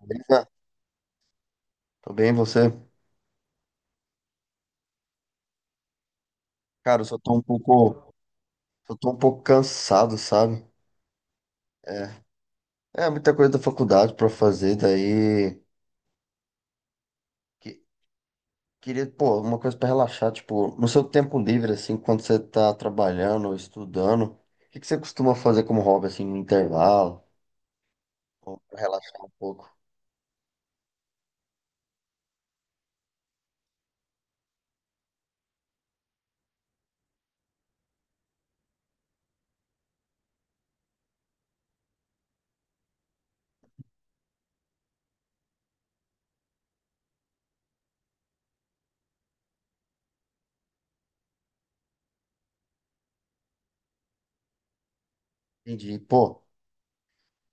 Beleza? Tô bem, você? Cara, eu só tô um pouco, só tô um pouco cansado, sabe? É, é, muita coisa da faculdade pra fazer, daí que- queria, pô, uma coisa pra relaxar, tipo, no seu tempo livre assim, quando você tá trabalhando ou estudando, o que que você costuma fazer como hobby assim no intervalo, ou pra relaxar um pouco? Entendi. Pô,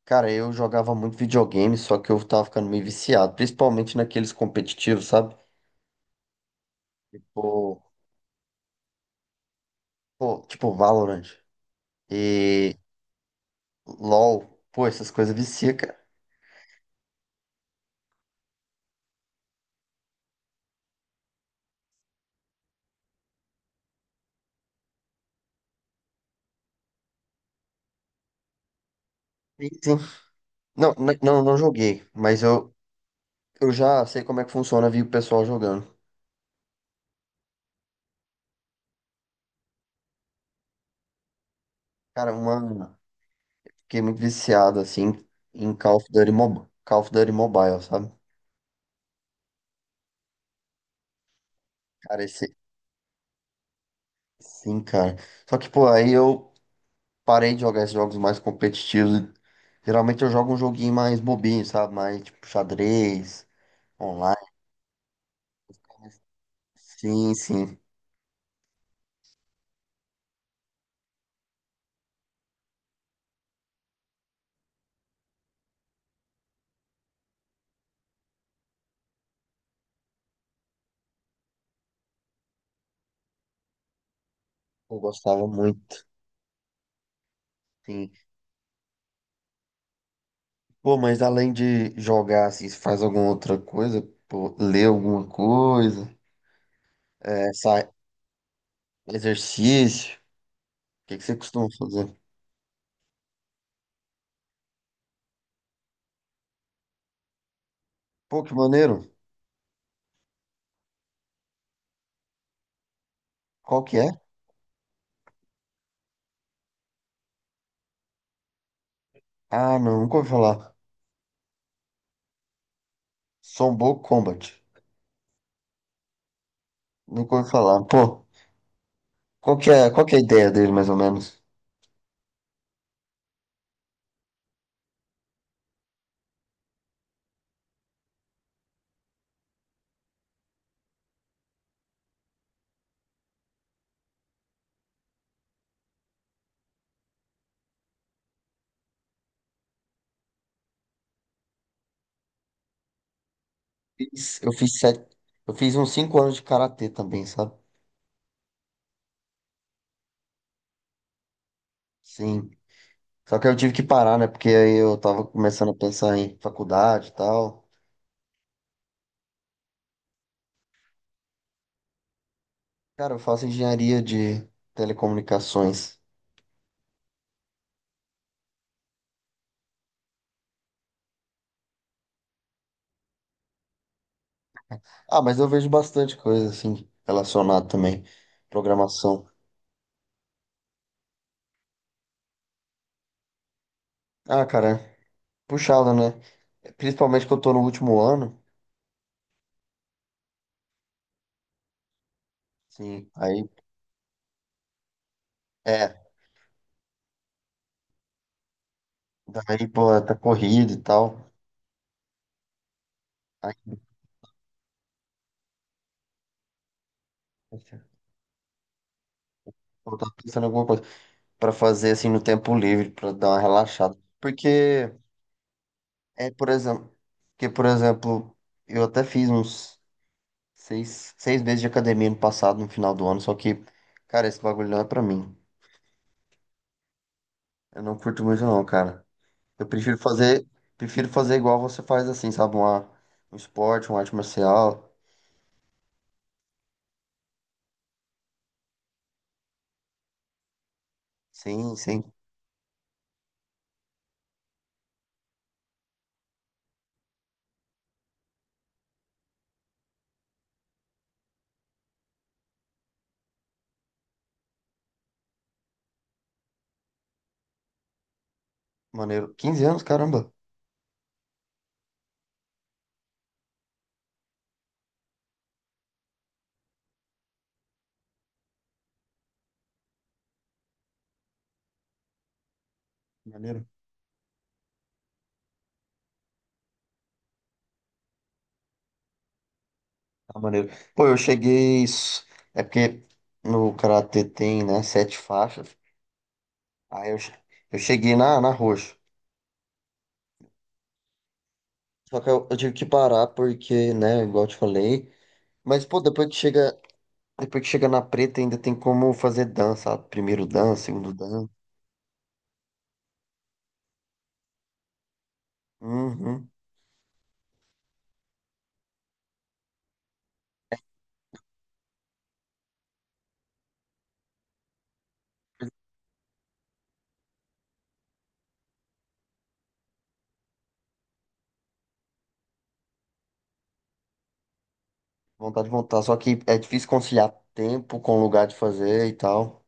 cara, eu jogava muito videogame, só que eu tava ficando meio viciado, principalmente naqueles competitivos, sabe? Tipo, tipo Valorant e LOL, pô, essas coisas vicia, cara. Sim, sim. Não, não joguei, mas eu já sei como é que funciona, vi o pessoal jogando. Cara, uma. Fiquei muito viciado, assim, em Call of Duty, Call of Duty Mobile, sabe? Cara, esse. Sim, cara. Só que, pô, aí eu parei de jogar esses jogos mais competitivos. Geralmente eu jogo um joguinho mais bobinho, sabe? Mais tipo xadrez, online. Sim, sim. Eu gostava muito, sim. Pô, mas além de jogar, assim, você faz alguma outra coisa? Pô, lê alguma coisa? Sai, exercício? O que que você costuma fazer? Pô, que maneiro. Qual que é? Ah, não, nunca ouvi falar. Sombo Combat. Nunca ouvi falar. Pô, qual que é a ideia dele, mais ou menos? Fiz- Eu fiz sete, eu fiz uns 5 anos de karatê também, sabe? Sim. Só que eu tive que parar, né? Porque aí eu tava começando a pensar em faculdade e tal. Cara, eu faço engenharia de telecomunicações. Ah, mas eu vejo bastante coisa assim relacionada também. Programação. Ah, cara, é puxado, né? Principalmente que eu tô no último ano. Sim. Aí, é, daí, pô, tá corrido e tal. Aí, eu tava pensando em alguma coisa pra fazer assim no tempo livre, pra dar uma relaxada. É, por exemplo, porque, por exemplo, eu até fiz uns seis meses de academia no passado, no final do ano, só que, cara, esse bagulho não é pra mim. Eu não curto muito, não, cara. Eu prefiro fazer igual você faz assim, sabe? Um esporte, uma arte marcial. Sim, sim. Maneiro. 15 anos, caramba. Maneiro. Tá maneiro. Pô, é porque no karatê tem, né, sete faixas. Aí eu, che- eu cheguei na roxa. Só que eu tive que parar porque, né, igual eu te falei. Mas, pô, depois que chega na preta, ainda tem como fazer dança. Sabe? Primeiro dan, segundo dan. Uhum. Vontade de voltar, só que é difícil conciliar tempo com lugar de fazer e tal.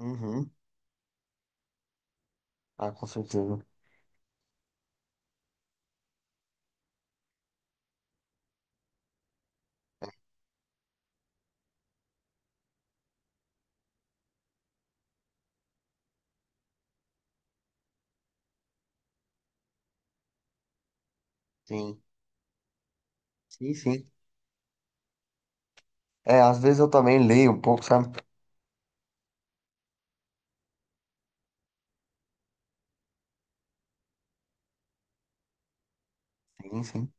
Uhum. Ah, com certeza. Sim. Sim, sim. É, às vezes eu também leio um pouco, sabe? Sim, sim.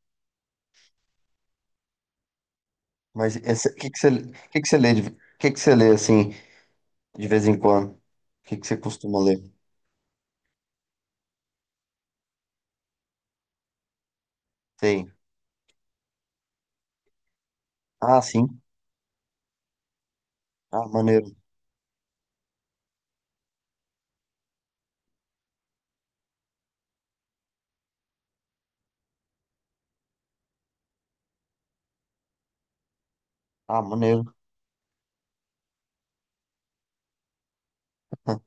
O que que você lê, o que que você lê assim, de vez em quando? O que que você costuma ler? Sim. Ah, sim. Ah, maneiro. Ah, maneiro. Ah,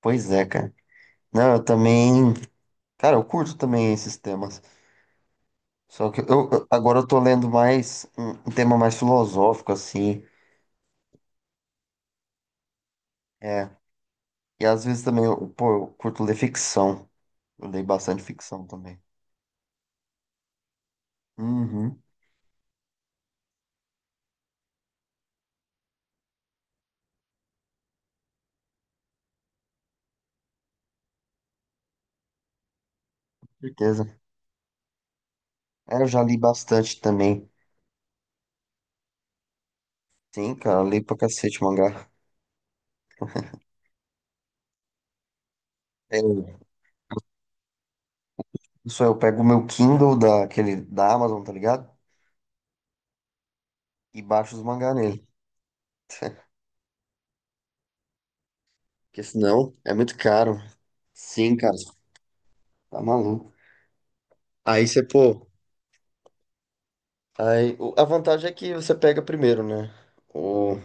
pois é, cara. Não, eu também. Cara, eu curto também esses temas. Só que agora eu tô lendo mais um tema mais filosófico, assim. É, E às vezes também, eu, pô, eu curto ler ficção. Eu leio bastante ficção também. Uhum, certeza. É, eu já li bastante também. Sim, cara, eu leio pra cacete mangá. É, Eu, isso aí, eu pego o meu Kindle da, aquele, da Amazon, tá ligado? E baixo os mangá nele. Porque senão é muito caro. Sim, cara, tá maluco. Aí você, pô. Aí, a vantagem é que você pega primeiro, né? O,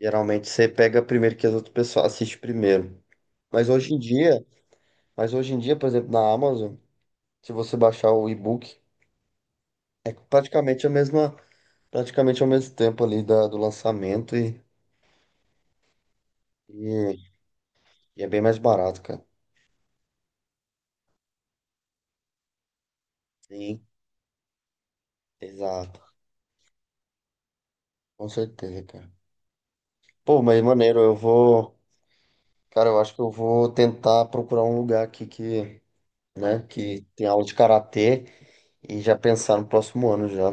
geralmente você pega primeiro que as outras pessoas assistem primeiro. Mas hoje em dia. Mas hoje em dia, por exemplo, na Amazon, se você baixar o e-book, é praticamente ao mesmo tempo ali da, do lançamento e, e é bem mais barato, cara. Sim, exato. Com certeza, cara. Pô, mas maneiro, eu vou. Cara, eu acho que eu vou tentar procurar um lugar aqui que, né, que tem aula de karatê e já pensar no próximo ano já.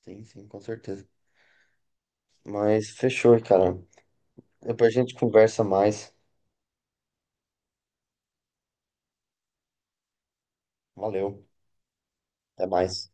Sim, sim, com certeza. Mas fechou, cara. Depois a gente conversa mais. Valeu, até mais.